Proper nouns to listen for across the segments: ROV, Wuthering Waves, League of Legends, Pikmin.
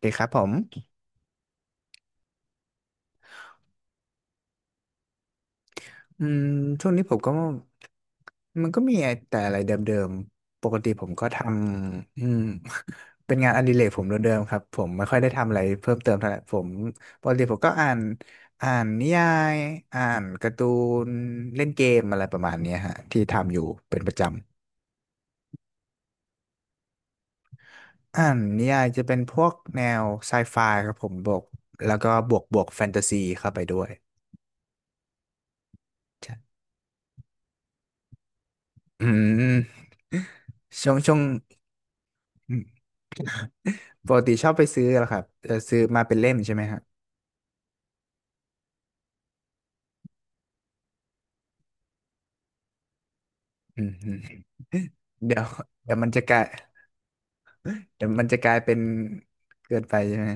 เดีครับผมอืมช่วงนี้ผมก็มันก็มีแต่อะไรเดิมๆ ปกติผมก็ทำ เป็นงานอดิเรกผมเดิมๆครับ ผมไม่ค่อยได้ทำอะไรเพิ่มเติมเท่าไหร่ผมปกติผมก็อ่านอ่านนิยายอ่านการ์ตูนเล่นเกมอะไรประมาณเนี้ยฮะที่ทำอยู่เป็นประจำอ่านนิยายจะเป็นพวกแนวไซไฟครับผมบวกแล้วก็บวกแฟนตาซีเข้าไปด้วยใช่ อืมช่วง ปกติชอบไปซื้อเหรอครับเออซื้อมาเป็นเล่มใช่ไหมฮะอืม เดี๋ยวเดี๋ยวมันจะกลายเดี๋ยวมันจะกลายเป็นเกินไปใช่ไหม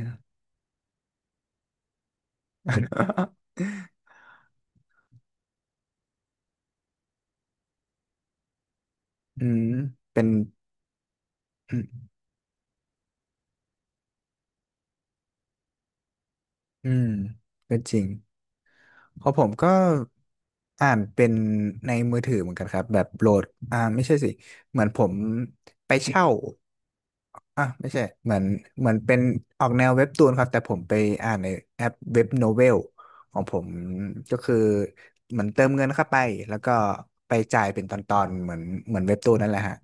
อืมเป็นอืมอืมก็จริงเพราะผมก็อ่านเป็นในมือถือเหมือนกันครับแบบโหลดไม่ใช่สิเหมือนผมไปเช่า อ่ะไม่ใช่เหมือนเหมือนเป็นออกแนวเว็บตูนครับแต่ผมไปอ่านในแอปเว็บโนเวลของผมก็คือเหมือนเติมเงินเข้าไปแล้วก็ไปจ่ายเป็นตอนๆเหมือนเหมือนเว็บตูนนั่นแหละฮะ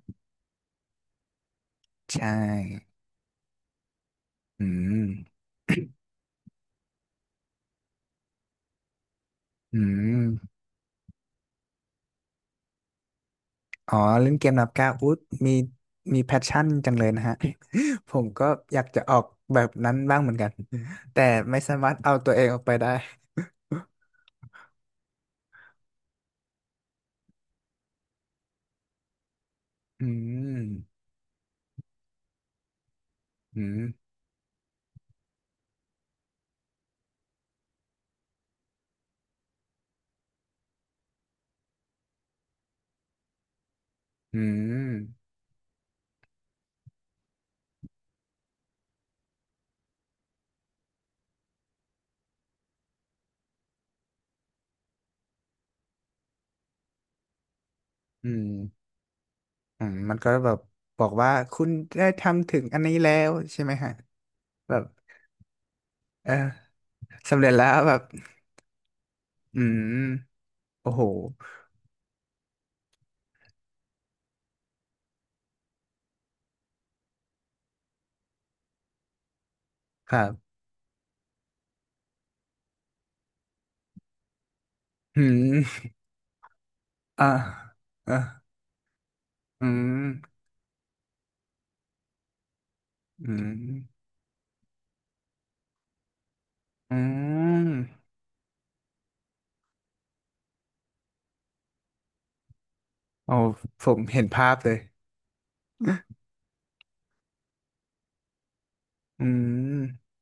ใช่อืมอืมอ๋อเล่นเกมนับก้าวอุ๊ยมีมีแพชชั่นจังเลยนะฮะ ผมก็อยากจะออกแบบนั้นบ้างเหมือนกันแต่ไม่สามารถเอาตัวเองออกไปได้อืมอืมอืมอืม มันก็แบบบอกว่าคุณได้ทำถึงอันนี้แล้วใช่ไหมฮะแบบเออสำเร็จแล้วแบบอืมโอ้โหครับอืมอ่าเอออืมอืมอืมโอ้ผมเห็นภาพเลยอืม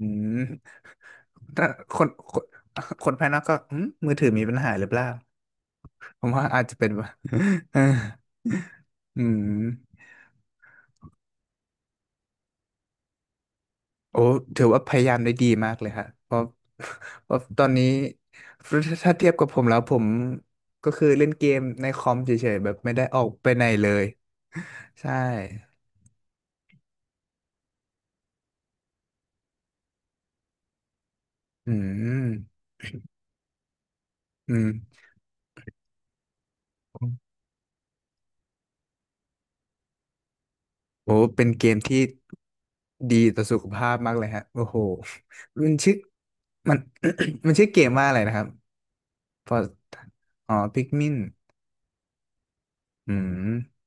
อืมถ้าคนคนภายนอกก็มือถือมีปัญหาหรือเปล่าผมว่าอาจจะเป็น ว่า อืม โอ้ถือว่าพยายามได้ดีมากเลยฮะเพราะ เพราะตอนนี้ถ้าเทียบกับผมแล้วผมก็คือเล่นเกมในคอมเฉยๆแบบไม่ได้ออกไปไหนเลยใช่อืมอืมโอ้เป็นเกมที่ดีต่อสุขภาพมากเลยฮะโอ้โหมันชื่อมัน มันชื่อเกมว่าอะไรนะครับพออ๋อพิกมินอืม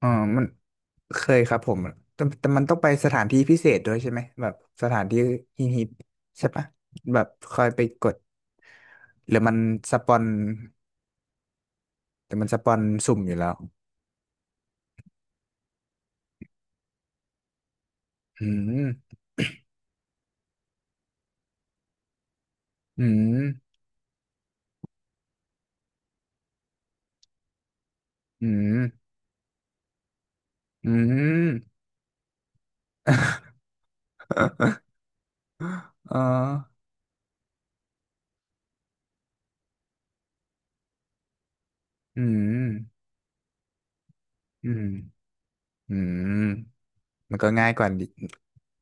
อ๋อมัน เคยครับผมแต่แต่มันต้องไปสถานที่พิเศษด้วยใช่ไหม แบบสถานที่ฮิปฮิปใช่ปะแบบคอยไปกด หรือมันสปอนหรือมันสปอนสุ่มอยู่แล้วอืมอืมอืมอืมเอออืมอืมอืมมันก็ง่ายกว่าดิ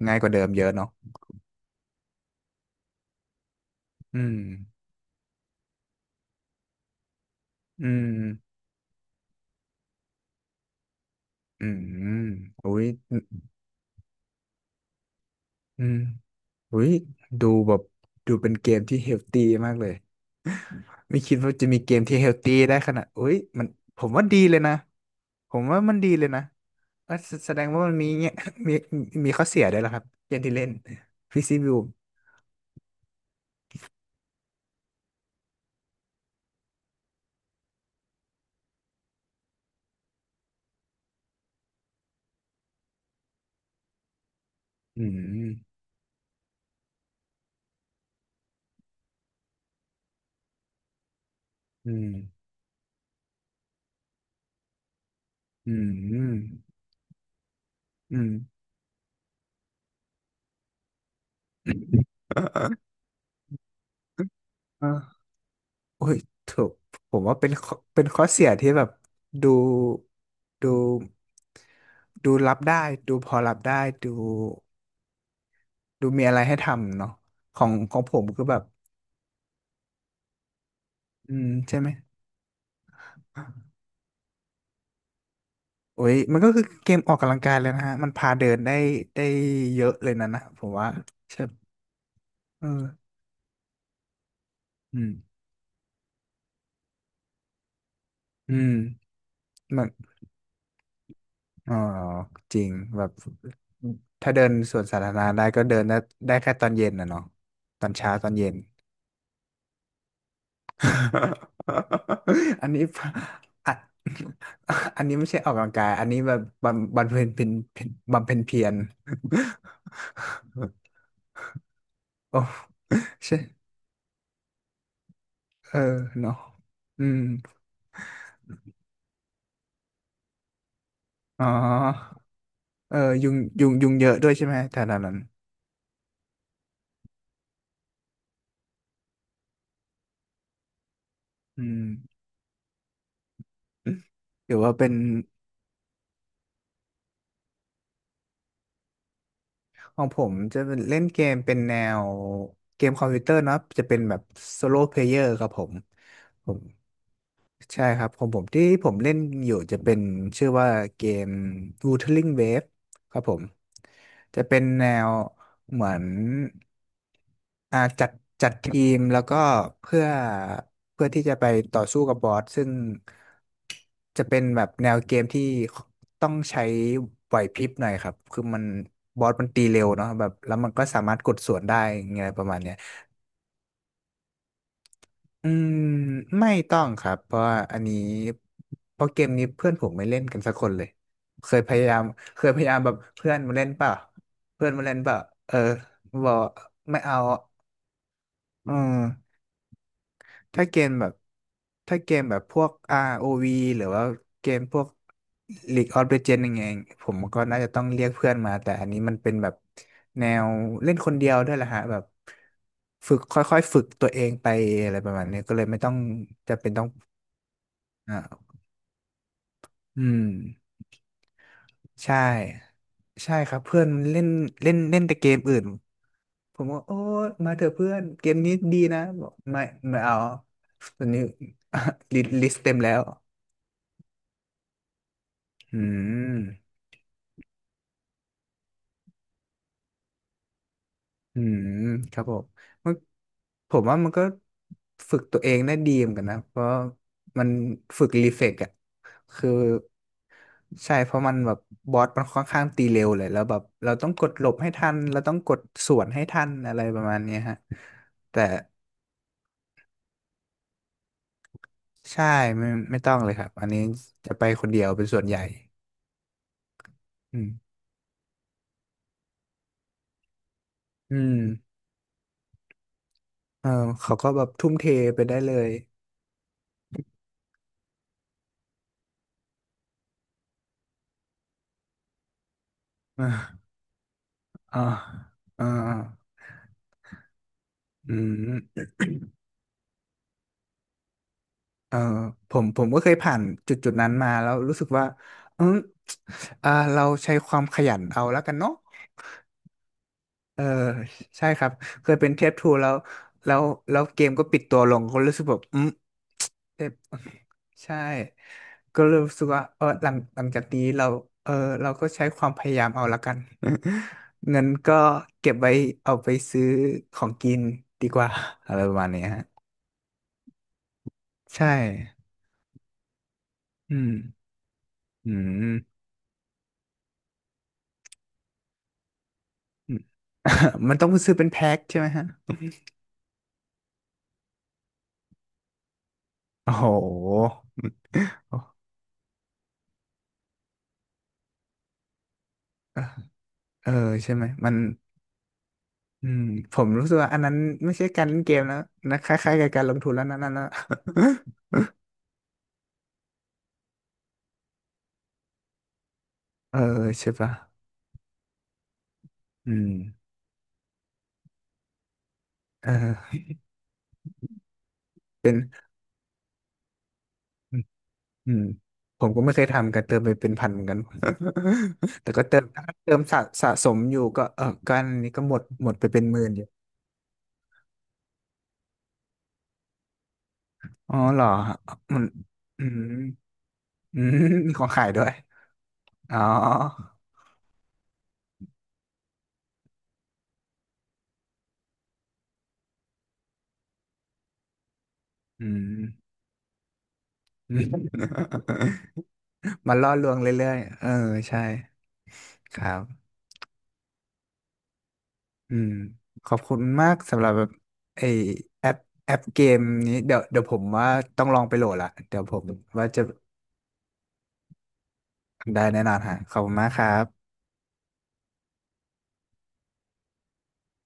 ง่ายกว่าเดิมเยอะเนาะอืมอืมอืมอุ้ยอืมอุ้ยดูแบบ ดูเป็นเกมที่เฮลตี้มากเลย ไม่คิดว่าจะมีเกมที่เฮลตี้ได้ขนาดอุ้ยมันผมว่าดีเลยนะผมว่ามันดีเลยนะเอ้อแสแสดงว่ามันมีเงี้ย มีมีข้อเสียด้วยเหรอครับเกมที่เล่นพีซีบิวอืมอืมอืมอืม อ่าโอ้ยถูกผมว่าเป็นข้อเป็นข้อเสียที่แบบดูดูดูรับได้ดูพอรับได้ดูดูมีอะไรให้ทำเนาะของของผมคือแบบใช่ไหม โอ้ยมันก็คือเกมออกกำลังกายเลยนะฮะมันพาเดินได้ได้เยอะเลยนะนะผมว่าใช่เอออืมอืมมันอ๋อจริงแบบถ้าเดินสวนสาธารณะได้ก็เดินได้ได้แค่ตอนเย็นนะเนาะตอนเช้าตอนเย็น อันนี้ อ่ะ อันนี้ไม่ใช่ออกกำลังกายอันนี้แบบบำบำเพ็ญเป็นเป็นบำเพ็ญเพียร โอ้ใช่เออเนาะอืมอ๋อ เออยุงยุงยุงเยอะด้วยใช่ไหมแถวนั้นอืมหรือว่าเป็นของผมจะเป็นเล่นเกมเป็นแนวเกมคอมพิวเตอร์เนอะจะเป็นแบบโซโล่เพลเยอร์ครับผมผม ใช่ครับของผมที่ผมเล่นอยู่จะเป็นชื่อว่าเกม Wuthering Waves ครับผมจะเป็นแนวเหมือนจัดจัดทีมแล้วก็เพื่อเพื่อที่จะไปต่อสู้กับบอสซึ่งจะเป็นแบบแนวเกมที่ต้องใช้ไหวพริบหน่อยครับคือมันบอสมันตีเร็วเนาะแบบแล้วมันก็สามารถกดสวนได้ไงประมาณเนี้ย อืมไม่ต้องครับเพราะว่าอันนี้เพราะเกมนี้เพื่อนผมไม่เล่นกันสักคนเลยเคยพยายามเคยพยายามแบบเพื่อนมาเล่นเปล่าเพื่อนมาเล่นเปล่าเออบอกไม่เอาอืมถ้าเกมแบบถ้าเกมแบบพวก ROV หรือว่าเกมพวก League of Legends ยังไงผมก็น่าจะต้องเรียกเพื่อนมาแต่อันนี้มันเป็นแบบแนวเล่นคนเดียวด้วยแหละฮะแบบฝึกค่อยๆฝึกตัวเองไปอะไรประมาณนี้ก็เลยไม่ต้องจะเป็นต้อง อ่าอืมใช่ใช่ครับเพื่อนเล่นเล่นเล่นแต่เกมอื่นผมว่าโอ้มาเถอะเพื่อนเกมนี้ดีนะบอกไม่ไม่เอาตอนนี้ ลิสต์เต็มแล้วอืม อืมครับผมมันผมว่ามันก็ฝึกตัวเองได้ดีเหมือนกันนะเพราะมันฝึกรีเฟกอะคือใช่เพราะมันแบบบอสมันค่อนข้างตีเร็วเลยแล้วแบบเราต้องกดหลบให้ทันเราต้องกดสวนให้ทันอะไรประมาณเนี้ยฮะแต่ใช่ไม่ไม่ต้องเลยครับอันนี้จะไปคนเดียวเป็นส่วนใหญ่อืมอืมเออเขาก็แบบทุ่มเทไปได้เลยอ่าอ่าอ่าอืม เออผมผมก็เคยผ่านจุดนั้นมาแล้วรู้สึกว่าอืม เราใช้ความขยันเอาแล้วกันเนาะเออใช่ครับเคยเป็นเทปทูแล้วแล้วแล้วเกมก็ปิดตัวลงก็รู้สึกแบบเทปใช่ก็เลยรู้สึกว่าเออหลังหลังจากนี้เราเออเราก็ใช้ความพยายามเอาแล้วกัน เงินก็เก็บไว้เอาไปซื้อของกินดีกว่า อะไรประมาณเนี้ยฮะใช่อืมอืม มันต้องซื้อเป็นแพ็คใช่ไหมฮะ โอ้โห เออใช่ไหมมันอืมผมรู้สึกว่าอันนั้นไม่ใช่การเล่นเกมแล้วนะคล้ายๆกับการลงทุนแล้วนะนั่นนะ เออใช่ปะอืมเออเป็นอืมอืมผมก็ไม่เคยทำกันเติมไปเป็นพันเหมือนกัน แต่ก็เติมถ้าเติมสะสะสมอยู่ก็เออก็อันนี้ก็หมดหมดไปเป็นหมื่นอยู่อ๋อเหรอฮะมันอืมอืม มีของขายด้วย อ๋ออืม มันล่อลวงเรื่อยๆ เออใช่ครับอืมขอบคุณมากสำหรับแบบไอแอปแอปเกมนี้เดี๋ยวเดี๋ยวผมว่าต้องลองไปโหลดละเดี๋ยวผมว่าจะได้แน่นอนฮะขอบคุณมากครับ